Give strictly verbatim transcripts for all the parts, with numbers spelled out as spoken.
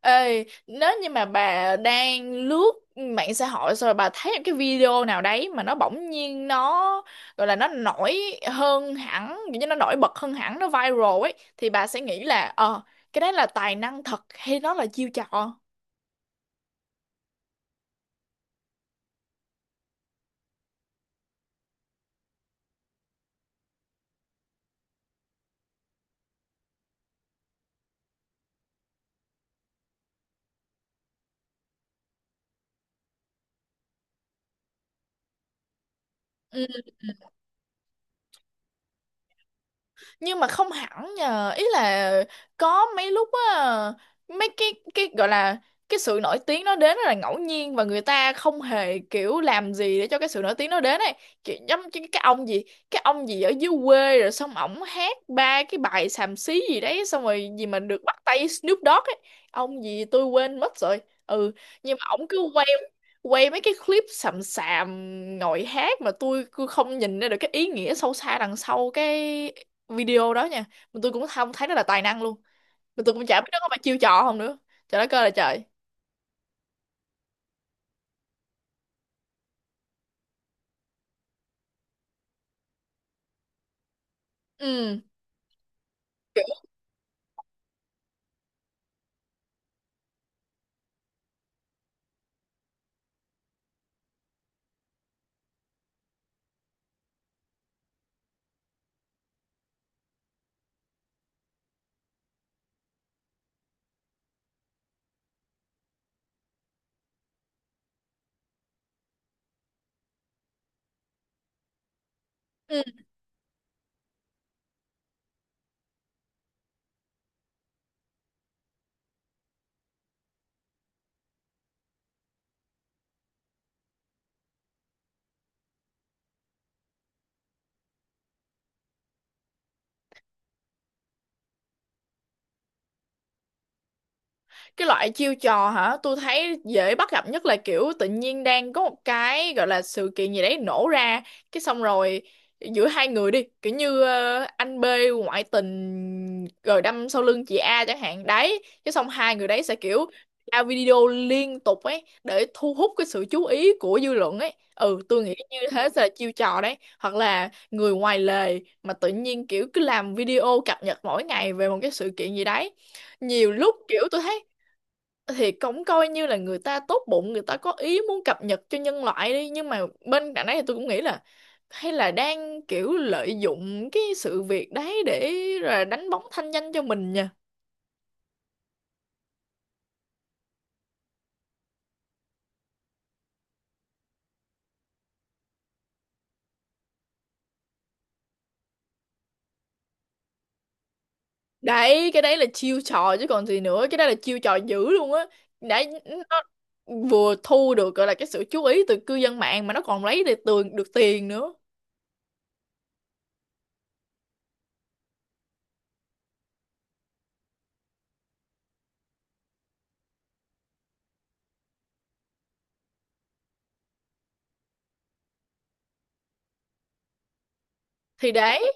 Ê, nếu như mà bà đang lướt mạng xã hội xong rồi bà thấy một cái video nào đấy mà nó bỗng nhiên nó gọi là nó nổi hơn hẳn, kiểu như nó nổi bật hơn hẳn, nó viral ấy thì bà sẽ nghĩ là ờ cái đấy là tài năng thật hay nó là chiêu trò. Ừ. Nhưng mà không hẳn nhờ, ý là có mấy lúc á, mấy cái cái gọi là cái sự nổi tiếng nó đến rất là ngẫu nhiên và người ta không hề kiểu làm gì để cho cái sự nổi tiếng nó đến ấy, kiểu giống như cái ông gì cái ông gì ở dưới quê rồi xong ổng hát ba cái bài xàm xí gì đấy xong rồi gì mà được bắt tay Snoop Dogg ấy. Ông gì tôi quên mất rồi. Ừ, nhưng mà ổng cứ quay quay mấy cái clip sầm sàm, ngồi hát mà tôi cứ không nhìn ra được cái ý nghĩa sâu xa đằng sau cái video đó nha. Mà tôi cũng không thấy nó là tài năng luôn, mà tôi cũng chả biết nó có phải chiêu trò không nữa. Trời đất ơi là trời. Ừ, kiểu. Ừ, cái loại chiêu trò hả, tôi thấy dễ bắt gặp nhất là kiểu tự nhiên đang có một cái gọi là sự kiện gì đấy nổ ra, cái xong rồi giữa hai người đi, kiểu như ờ, anh B ngoại tình rồi đâm sau lưng chị A chẳng hạn đấy, cái xong hai người đấy sẽ kiểu ra video liên tục ấy để thu hút cái sự chú ý của dư luận ấy. Ừ, tôi nghĩ như thế sẽ là chiêu trò đấy, hoặc là người ngoài lề mà tự nhiên kiểu cứ làm video cập nhật mỗi ngày về một cái sự kiện gì đấy. Nhiều lúc kiểu tôi thấy thì cũng coi như là người ta tốt bụng, người ta có ý muốn cập nhật cho nhân loại đi, nhưng mà bên cạnh đấy thì tôi cũng nghĩ là hay là đang kiểu lợi dụng cái sự việc đấy để là đánh bóng thanh danh cho mình nha. Đấy, cái đấy là chiêu trò chứ còn gì nữa, cái đấy là chiêu trò dữ luôn á. Đấy, nó vừa thu được gọi là cái sự chú ý từ cư dân mạng mà nó còn lấy được tường được tiền nữa. Thì đấy,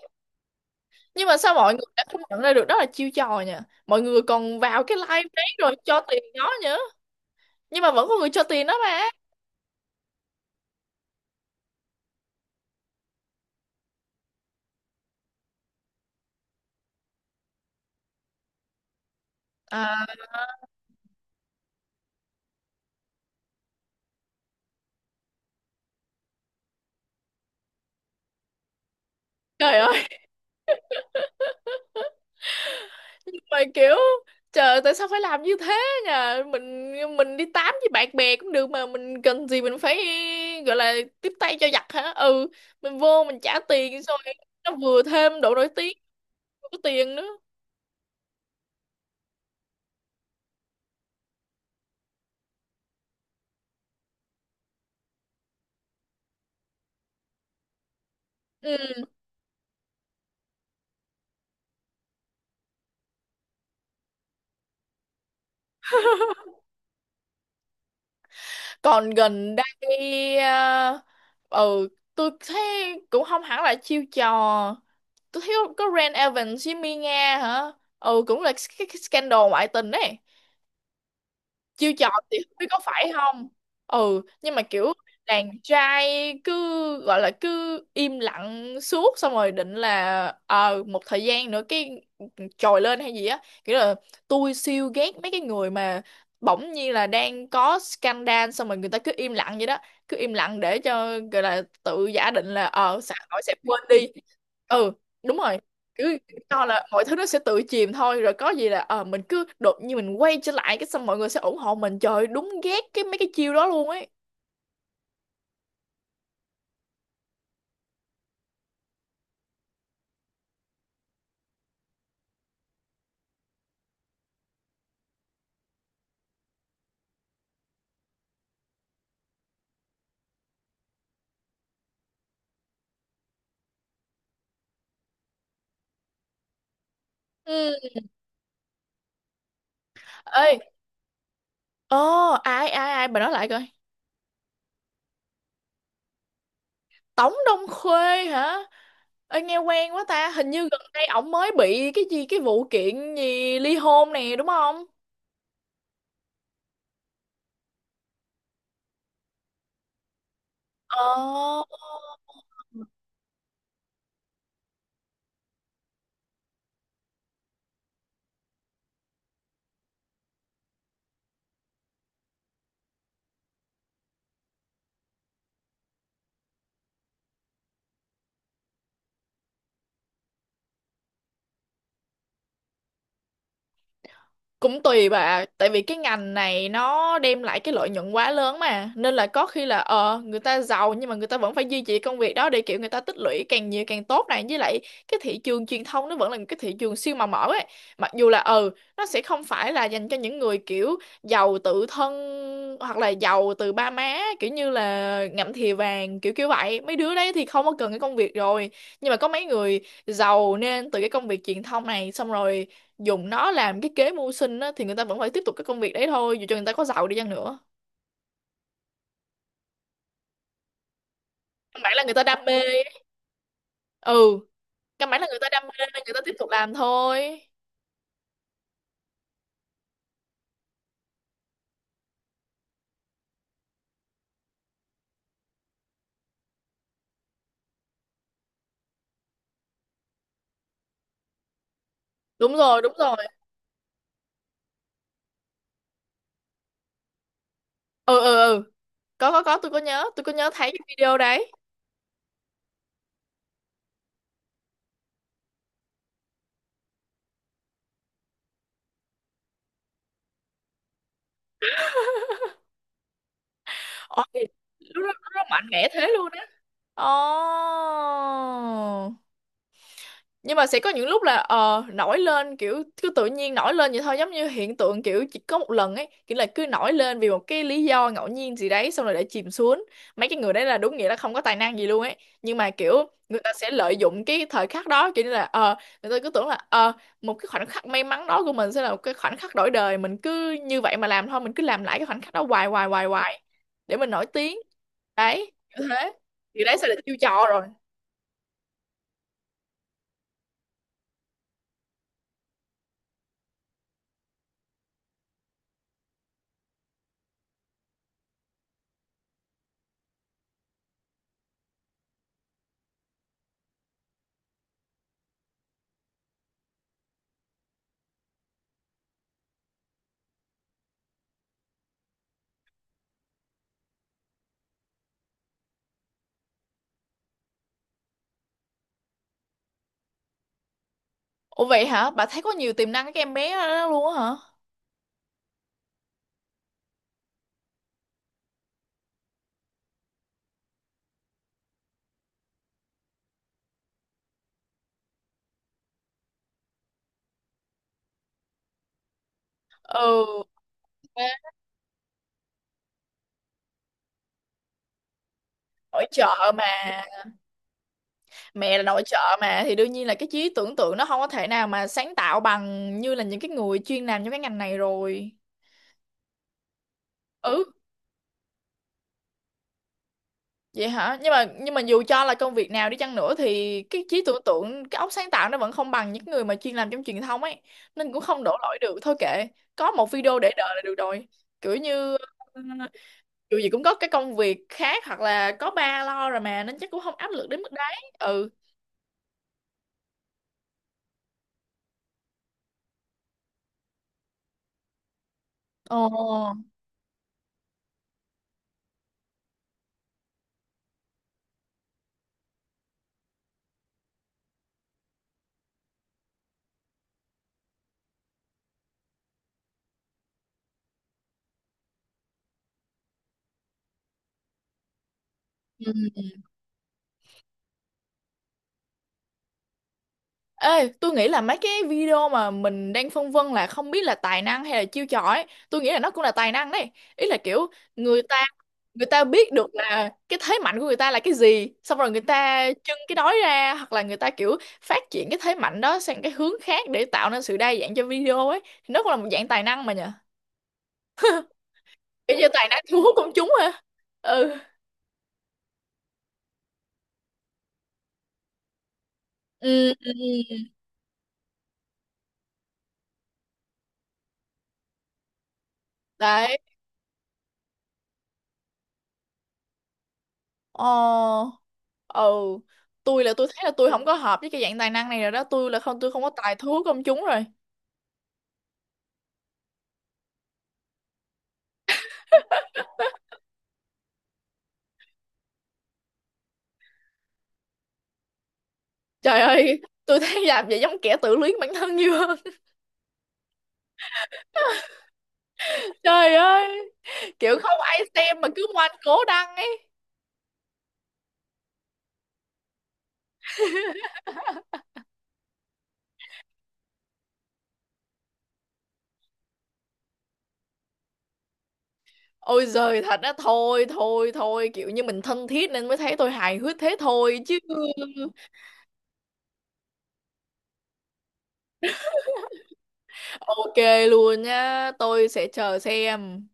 nhưng mà sao mọi người đã không nhận ra được đó là chiêu trò nha, mọi người còn vào cái live đấy rồi cho tiền nó nha, nhưng mà vẫn có người cho tiền đó mà. À, trời ơi, nhưng mà kiểu trời, tại sao phải làm như thế nhờ. mình mình đi tám với bạn bè cũng được mà, mình cần gì mình phải gọi là tiếp tay cho giặc hả. Ừ, mình vô mình trả tiền xong rồi nó vừa thêm độ nổi tiếng, vừa có tiền nữa. Ừ. Còn gần đây à, ừ tôi thấy cũng không hẳn là chiêu trò, tôi thấy có Ren Evans với Mia Nga hả. Ừ, cũng là cái cái scandal ngoại tình đấy, chiêu trò thì không biết có phải không. Ừ, nhưng mà kiểu đàn trai cứ gọi là cứ im lặng suốt xong rồi định là ờ một thời gian nữa cái trồi lên hay gì á, kiểu là tôi siêu ghét mấy cái người mà bỗng nhiên là đang có scandal xong rồi người ta cứ im lặng vậy đó, cứ im lặng để cho gọi là tự giả định là ờ xã hội sẽ quên đi. Ừ, đúng rồi, cứ cho là mọi thứ nó sẽ tự chìm thôi rồi có gì là ờ mình cứ đột nhiên mình quay trở lại, cái xong mọi người sẽ ủng hộ mình. Trời ơi, đúng ghét cái mấy cái chiêu đó luôn ấy. Ừ. Ê, ồ, ai ai ai bà nói lại coi. Tống Đông Khuê hả? Ê, nghe quen quá ta, hình như gần đây ổng mới bị cái gì cái vụ kiện gì ly hôn nè, đúng không? Ờ, cũng tùy bà, tại vì cái ngành này nó đem lại cái lợi nhuận quá lớn mà, nên là có khi là ờ người ta giàu nhưng mà người ta vẫn phải duy trì công việc đó để kiểu người ta tích lũy càng nhiều càng tốt này, với lại cái thị trường truyền thông nó vẫn là một cái thị trường siêu màu mỡ ấy. Mặc dù là ừ nó sẽ không phải là dành cho những người kiểu giàu tự thân hoặc là giàu từ ba má kiểu như là ngậm thìa vàng kiểu kiểu vậy, mấy đứa đấy thì không có cần cái công việc rồi. Nhưng mà có mấy người giàu nên từ cái công việc truyền thông này xong rồi dùng nó làm cái kế mưu sinh á, thì người ta vẫn phải tiếp tục cái công việc đấy thôi dù cho người ta có giàu đi chăng nữa. Căn bản là người ta đam mê. Ừ, căn bản là người ta đam mê nên người ta tiếp tục làm thôi. Đúng rồi, đúng rồi. Ừ ừ ừ, có có có tôi có nhớ, tôi có nhớ thấy cái video đấy. Ôi, lúc đó, lúc đó mạnh mẽ thế luôn. Ồ. Nhưng mà sẽ có những lúc là ờ nổi lên kiểu cứ tự nhiên nổi lên vậy thôi, giống như hiện tượng kiểu chỉ có một lần ấy, kiểu là cứ nổi lên vì một cái lý do ngẫu nhiên gì đấy xong rồi để chìm xuống. Mấy cái người đấy là đúng nghĩa là không có tài năng gì luôn ấy. Nhưng mà kiểu người ta sẽ lợi dụng cái thời khắc đó, kiểu như là ờ người ta cứ tưởng là ờ một cái khoảnh khắc may mắn đó của mình sẽ là một cái khoảnh khắc đổi đời, mình cứ như vậy mà làm thôi, mình cứ làm lại cái khoảnh khắc đó hoài hoài hoài hoài để mình nổi tiếng. Đấy, như thế. Thì đấy sẽ là chiêu trò rồi. Ủa vậy hả? Bà thấy có nhiều tiềm năng cái em bé đó luôn á hả? Ừ, nội trợ mà, mẹ là nội trợ mà thì đương nhiên là cái trí tưởng tượng nó không có thể nào mà sáng tạo bằng như là những cái người chuyên làm trong cái ngành này rồi. Ừ, vậy hả? Nhưng mà nhưng mà dù cho là công việc nào đi chăng nữa thì cái trí tưởng tượng, cái óc sáng tạo nó vẫn không bằng những người mà chuyên làm trong truyền thông ấy, nên cũng không đổ lỗi được. Thôi kệ, có một video để đời là được rồi. Kiểu như dù gì cũng có cái công việc khác hoặc là có ba lo rồi mà, nên chắc cũng không áp lực đến mức đấy. Ừ, ồ, ừ. Ê, tôi nghĩ là mấy cái video mà mình đang phân vân là không biết là tài năng hay là chiêu trò ấy, tôi nghĩ là nó cũng là tài năng đấy. Ý là kiểu người ta người ta biết được là cái thế mạnh của người ta là cái gì xong rồi người ta trưng cái đó ra, hoặc là người ta kiểu phát triển cái thế mạnh đó sang cái hướng khác để tạo nên sự đa dạng cho video ấy, thì nó cũng là một dạng tài năng mà nhỉ. Kiểu như tài năng thu hút công chúng ha. Ừ ừ ừ. Ừ. Đấy. Ờ, ừ, tôi là tôi thấy là tôi không có hợp với cái dạng tài năng này rồi đó, tôi là không tôi không có tài thú công chúng rồi. Trời ơi, tôi thấy làm vậy giống kẻ tự luyến bản thân nhiều hơn. Trời ơi, kiểu không ai xem mà cứ ngoan cố đăng ấy. Ôi giời, thật á? Thôi thôi thôi, kiểu như mình thân thiết nên mới thấy tôi hài hước thế thôi chứ. Ok luôn nha, tôi sẽ chờ xem.